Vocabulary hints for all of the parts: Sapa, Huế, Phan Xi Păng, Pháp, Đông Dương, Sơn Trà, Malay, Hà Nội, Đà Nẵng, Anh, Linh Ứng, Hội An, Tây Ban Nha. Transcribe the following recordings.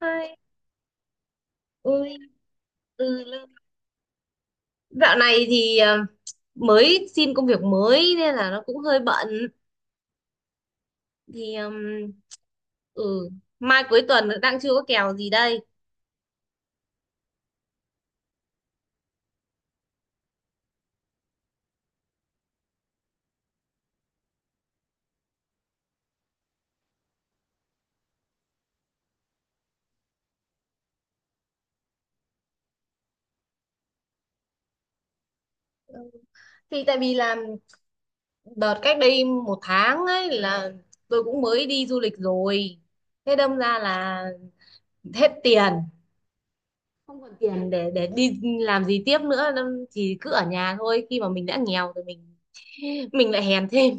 Hai. Ôi, ừ, lơ- dạo này thì mới xin công việc mới nên là nó cũng hơi bận thì ừ mai cuối tuần đang chưa có kèo gì đây. Ừ, thì tại vì là đợt cách đây một tháng ấy là tôi cũng mới đi du lịch rồi, thế đâm ra là hết tiền, không còn tiền để đi làm gì tiếp nữa, đâm chỉ cứ ở nhà thôi. Khi mà mình đã nghèo rồi mình lại hèn thêm.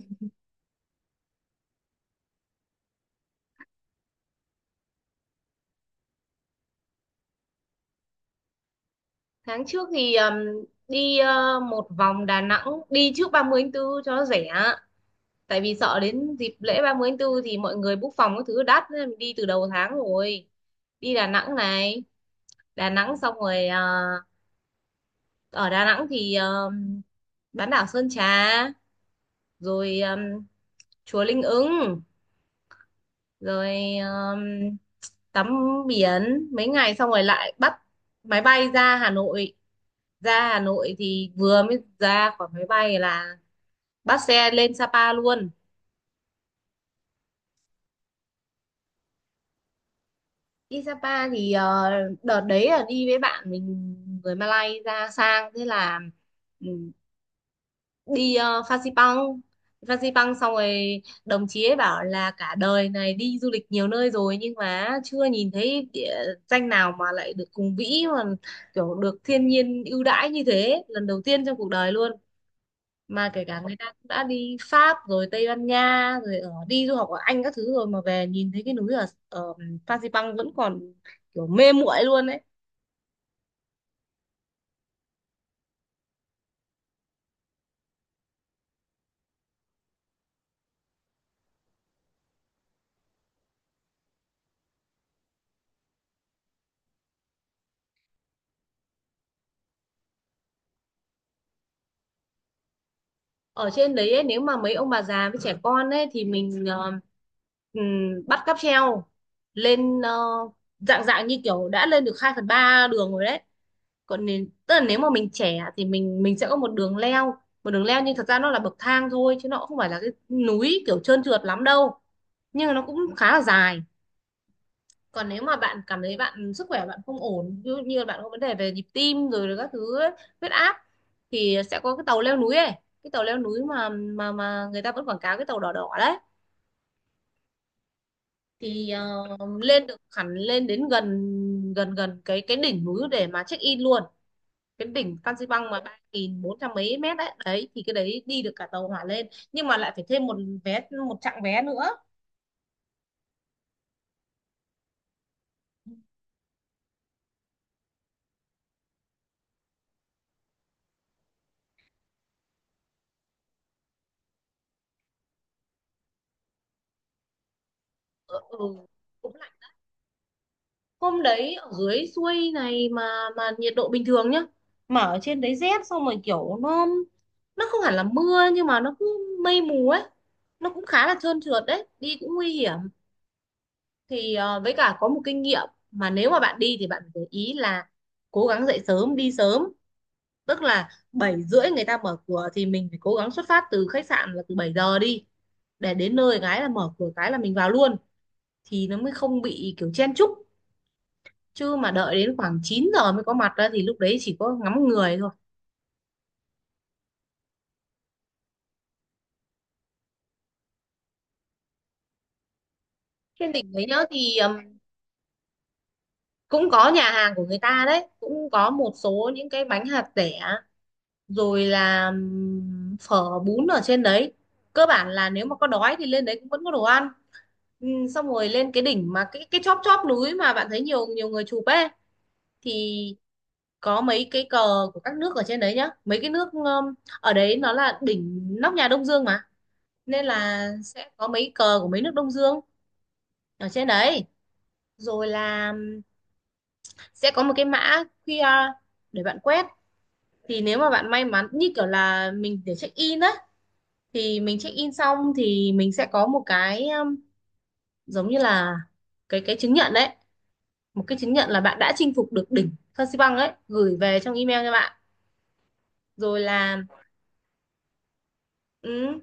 Tháng trước thì đi một vòng Đà Nẵng, đi trước 30 tháng 4 cho nó rẻ, tại vì sợ đến dịp lễ 30 tháng 4 thì mọi người book phòng các thứ đắt nên mình đi từ đầu tháng rồi. Đi Đà Nẵng này, Đà Nẵng xong rồi ở Đà Nẵng thì bán đảo Sơn Trà, rồi chùa Linh Ứng, rồi tắm biển mấy ngày, xong rồi lại bắt máy bay ra Hà Nội. Ra Hà Nội thì vừa mới ra khỏi máy bay là bắt xe lên Sapa luôn. Đi Sapa thì đợt đấy là đi với bạn mình người Malay ra sang, thế là ừ, đi Phan Xipang. Phan Xipang xong rồi đồng chí ấy bảo là cả đời này đi du lịch nhiều nơi rồi nhưng mà chưa nhìn thấy địa danh nào mà lại được hùng vĩ, mà kiểu được thiên nhiên ưu đãi như thế, lần đầu tiên trong cuộc đời luôn, mà kể cả người ta cũng đã đi Pháp rồi Tây Ban Nha rồi ở đi du học ở Anh các thứ rồi mà về nhìn thấy cái núi ở ở Fansipan vẫn còn kiểu mê muội luôn ấy. Ở trên đấy ấy, nếu mà mấy ông bà già với trẻ con ấy thì mình ừm, bắt cáp treo lên, dạng dạng như kiểu đã lên được 2/3 đường rồi đấy. Còn nên, tức là nếu mà mình trẻ thì mình sẽ có một đường leo, một đường leo, nhưng thật ra nó là bậc thang thôi chứ nó cũng không phải là cái núi kiểu trơn trượt lắm đâu, nhưng mà nó cũng khá là dài. Còn nếu mà bạn cảm thấy bạn sức khỏe bạn không ổn, ví dụ như bạn có vấn đề về nhịp tim rồi các thứ ấy, huyết áp, thì sẽ có cái tàu leo núi ấy, cái tàu leo núi mà người ta vẫn quảng cáo, cái tàu đỏ đỏ đấy, thì lên được hẳn, lên đến gần, gần cái đỉnh núi để mà check in luôn. Cái đỉnh Phan Xi Păng mà ba nghìn bốn trăm mấy mét đấy đấy thì cái đấy đi được cả tàu hỏa lên, nhưng mà lại phải thêm một vé, một chặng vé nữa. Ừ, ừ. Hôm đấy ở dưới xuôi này mà nhiệt độ bình thường nhá, mà ở trên đấy rét, xong rồi kiểu nó không hẳn là mưa nhưng mà nó cứ mây mù ấy, nó cũng khá là trơn trượt đấy, đi cũng nguy hiểm. Thì với cả có một kinh nghiệm, mà nếu mà bạn đi thì bạn phải để ý là cố gắng dậy sớm đi sớm, tức là 7 rưỡi người ta mở cửa thì mình phải cố gắng xuất phát từ khách sạn là từ 7 giờ đi, để đến nơi cái là mở cửa cái là mình vào luôn, thì nó mới không bị kiểu chen chúc. Chứ mà đợi đến khoảng 9 giờ mới có mặt đó thì lúc đấy chỉ có ngắm người thôi. Trên đỉnh đấy nhớ thì cũng có nhà hàng của người ta đấy, cũng có một số những cái bánh hạt dẻ, rồi là phở bún ở trên đấy. Cơ bản là nếu mà có đói thì lên đấy cũng vẫn có đồ ăn. Ừ, xong rồi lên cái đỉnh mà cái chóp chóp núi mà bạn thấy nhiều nhiều người chụp ấy, thì có mấy cái cờ của các nước ở trên đấy nhá, mấy cái nước ở đấy nó là đỉnh nóc nhà Đông Dương mà, nên là sẽ có mấy cờ của mấy nước Đông Dương ở trên đấy. Rồi là sẽ có một cái mã QR để bạn quét. Thì nếu mà bạn may mắn như kiểu là mình để check in á, thì mình check in xong thì mình sẽ có một cái giống như là cái chứng nhận đấy, một cái chứng nhận là bạn đã chinh phục được đỉnh Phan Xi Păng ấy, gửi về trong email cho bạn. Rồi là ừ,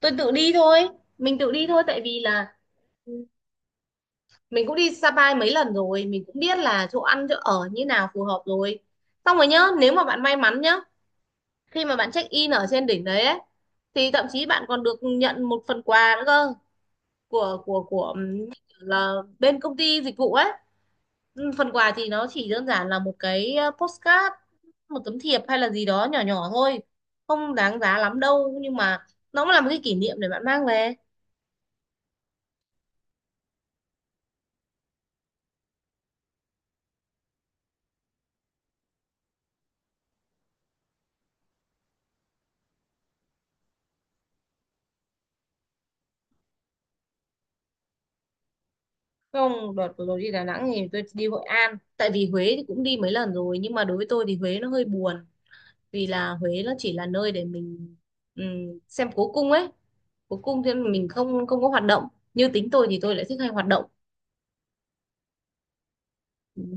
tôi tự đi thôi, mình tự đi thôi. Tại vì là ừ, mình cũng đi Sapa mấy lần rồi, mình cũng biết là chỗ ăn chỗ ở như nào phù hợp rồi. Xong rồi nhớ nếu mà bạn may mắn nhá, khi mà bạn check in ở trên đỉnh đấy ấy, thì thậm chí bạn còn được nhận một phần quà nữa cơ, của là bên công ty dịch vụ ấy. Phần quà thì nó chỉ đơn giản là một cái postcard, một tấm thiệp hay là gì đó nhỏ nhỏ thôi, không đáng giá lắm đâu nhưng mà nó cũng là một cái kỷ niệm để bạn mang về. Không, đợt vừa rồi đi Đà Nẵng thì tôi đi Hội An. Tại vì Huế thì cũng đi mấy lần rồi, nhưng mà đối với tôi thì Huế nó hơi buồn, vì là Huế nó chỉ là nơi để mình xem cố cung ấy. Cố cung thì mình không không có hoạt động. Như tính tôi thì tôi lại thích hay hoạt động. Ừm,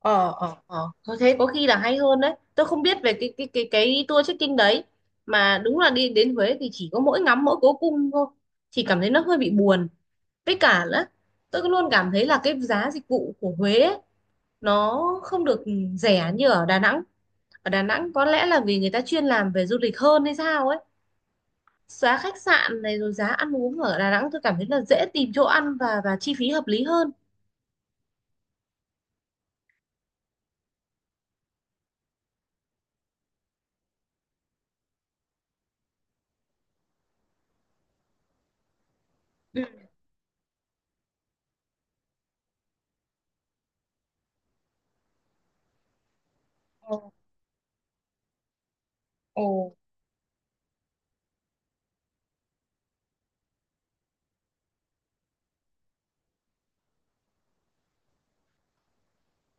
Ờ, ờ, ờ. Thôi thế có khi là hay hơn đấy. Tôi không biết về cái tour trekking đấy, mà đúng là đi đến Huế thì chỉ có mỗi ngắm mỗi cố cung thôi, thì cảm thấy nó hơi bị buồn. Với cả là tôi luôn cảm thấy là cái giá dịch vụ của Huế ấy, nó không được rẻ như ở Đà Nẵng. Ở Đà Nẵng có lẽ là vì người ta chuyên làm về du lịch hơn hay sao ấy, giá khách sạn này rồi giá ăn uống ở Đà Nẵng tôi cảm thấy là dễ tìm chỗ ăn, và chi phí hợp lý hơn. Ừ. Ồ, ồ,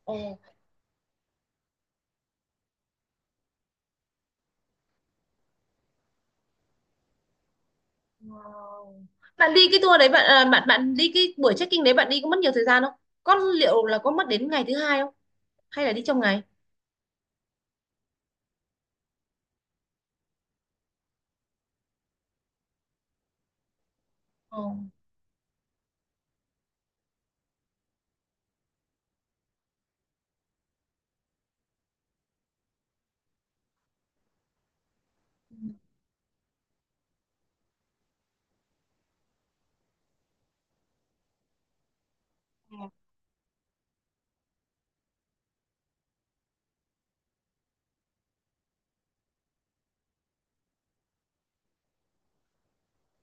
ồ. Wow. Bạn đi cái tour đấy bạn à, bạn bạn đi cái buổi check-in đấy, bạn đi có mất nhiều thời gian không, có liệu là có mất đến ngày thứ hai không, hay là đi trong ngày? Ồ. Ừ.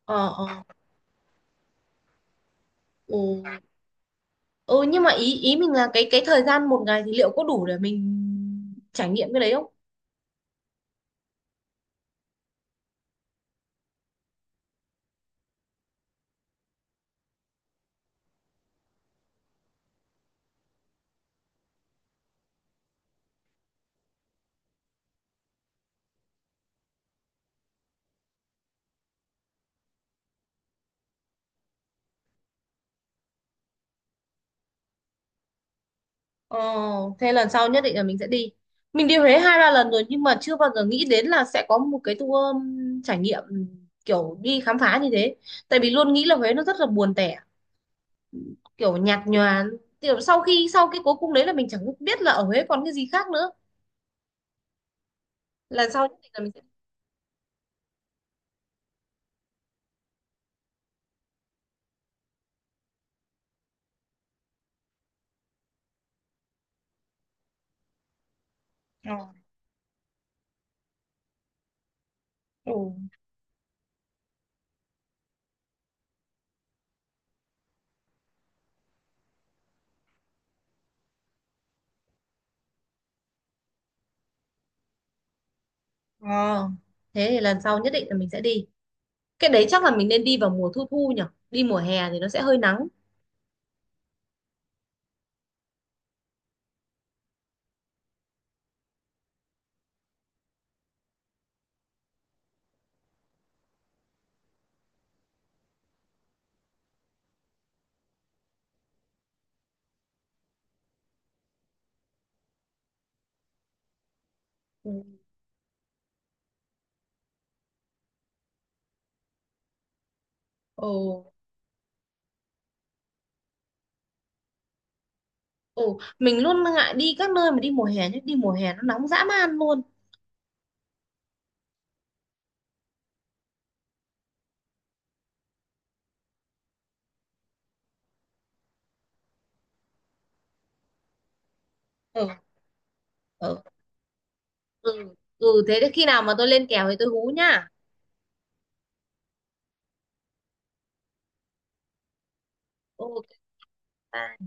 Ờ, ờ. Ừ. Ừ, nhưng mà ý ý mình là cái thời gian một ngày thì liệu có đủ để mình trải nghiệm cái đấy không? Ồ, thế lần sau nhất định là mình sẽ đi. Mình đi Huế 2-3 lần rồi, nhưng mà chưa bao giờ nghĩ đến là sẽ có một cái tour trải nghiệm, kiểu đi khám phá như thế. Tại vì luôn nghĩ là Huế nó rất là buồn tẻ, kiểu nhạt nhòa. Kiểu sau khi sau cái cố cung đấy là mình chẳng biết là ở Huế còn cái gì khác nữa. Lần sau nhất định là mình sẽ đi. Ờ. Ừ. Ờ, thế thì lần sau nhất định là mình sẽ đi. Cái đấy chắc là mình nên đi vào mùa thu thu nhỉ? Đi mùa hè thì nó sẽ hơi nắng. Ừ. Ừ. Ừ, mình luôn ngại đi các nơi mà đi mùa hè, chứ đi mùa hè nó nóng dã man luôn. Ừ, ừ, ừ, ừ thế thì khi nào mà tôi lên kèo thì tôi hú nhá. Ok, bye.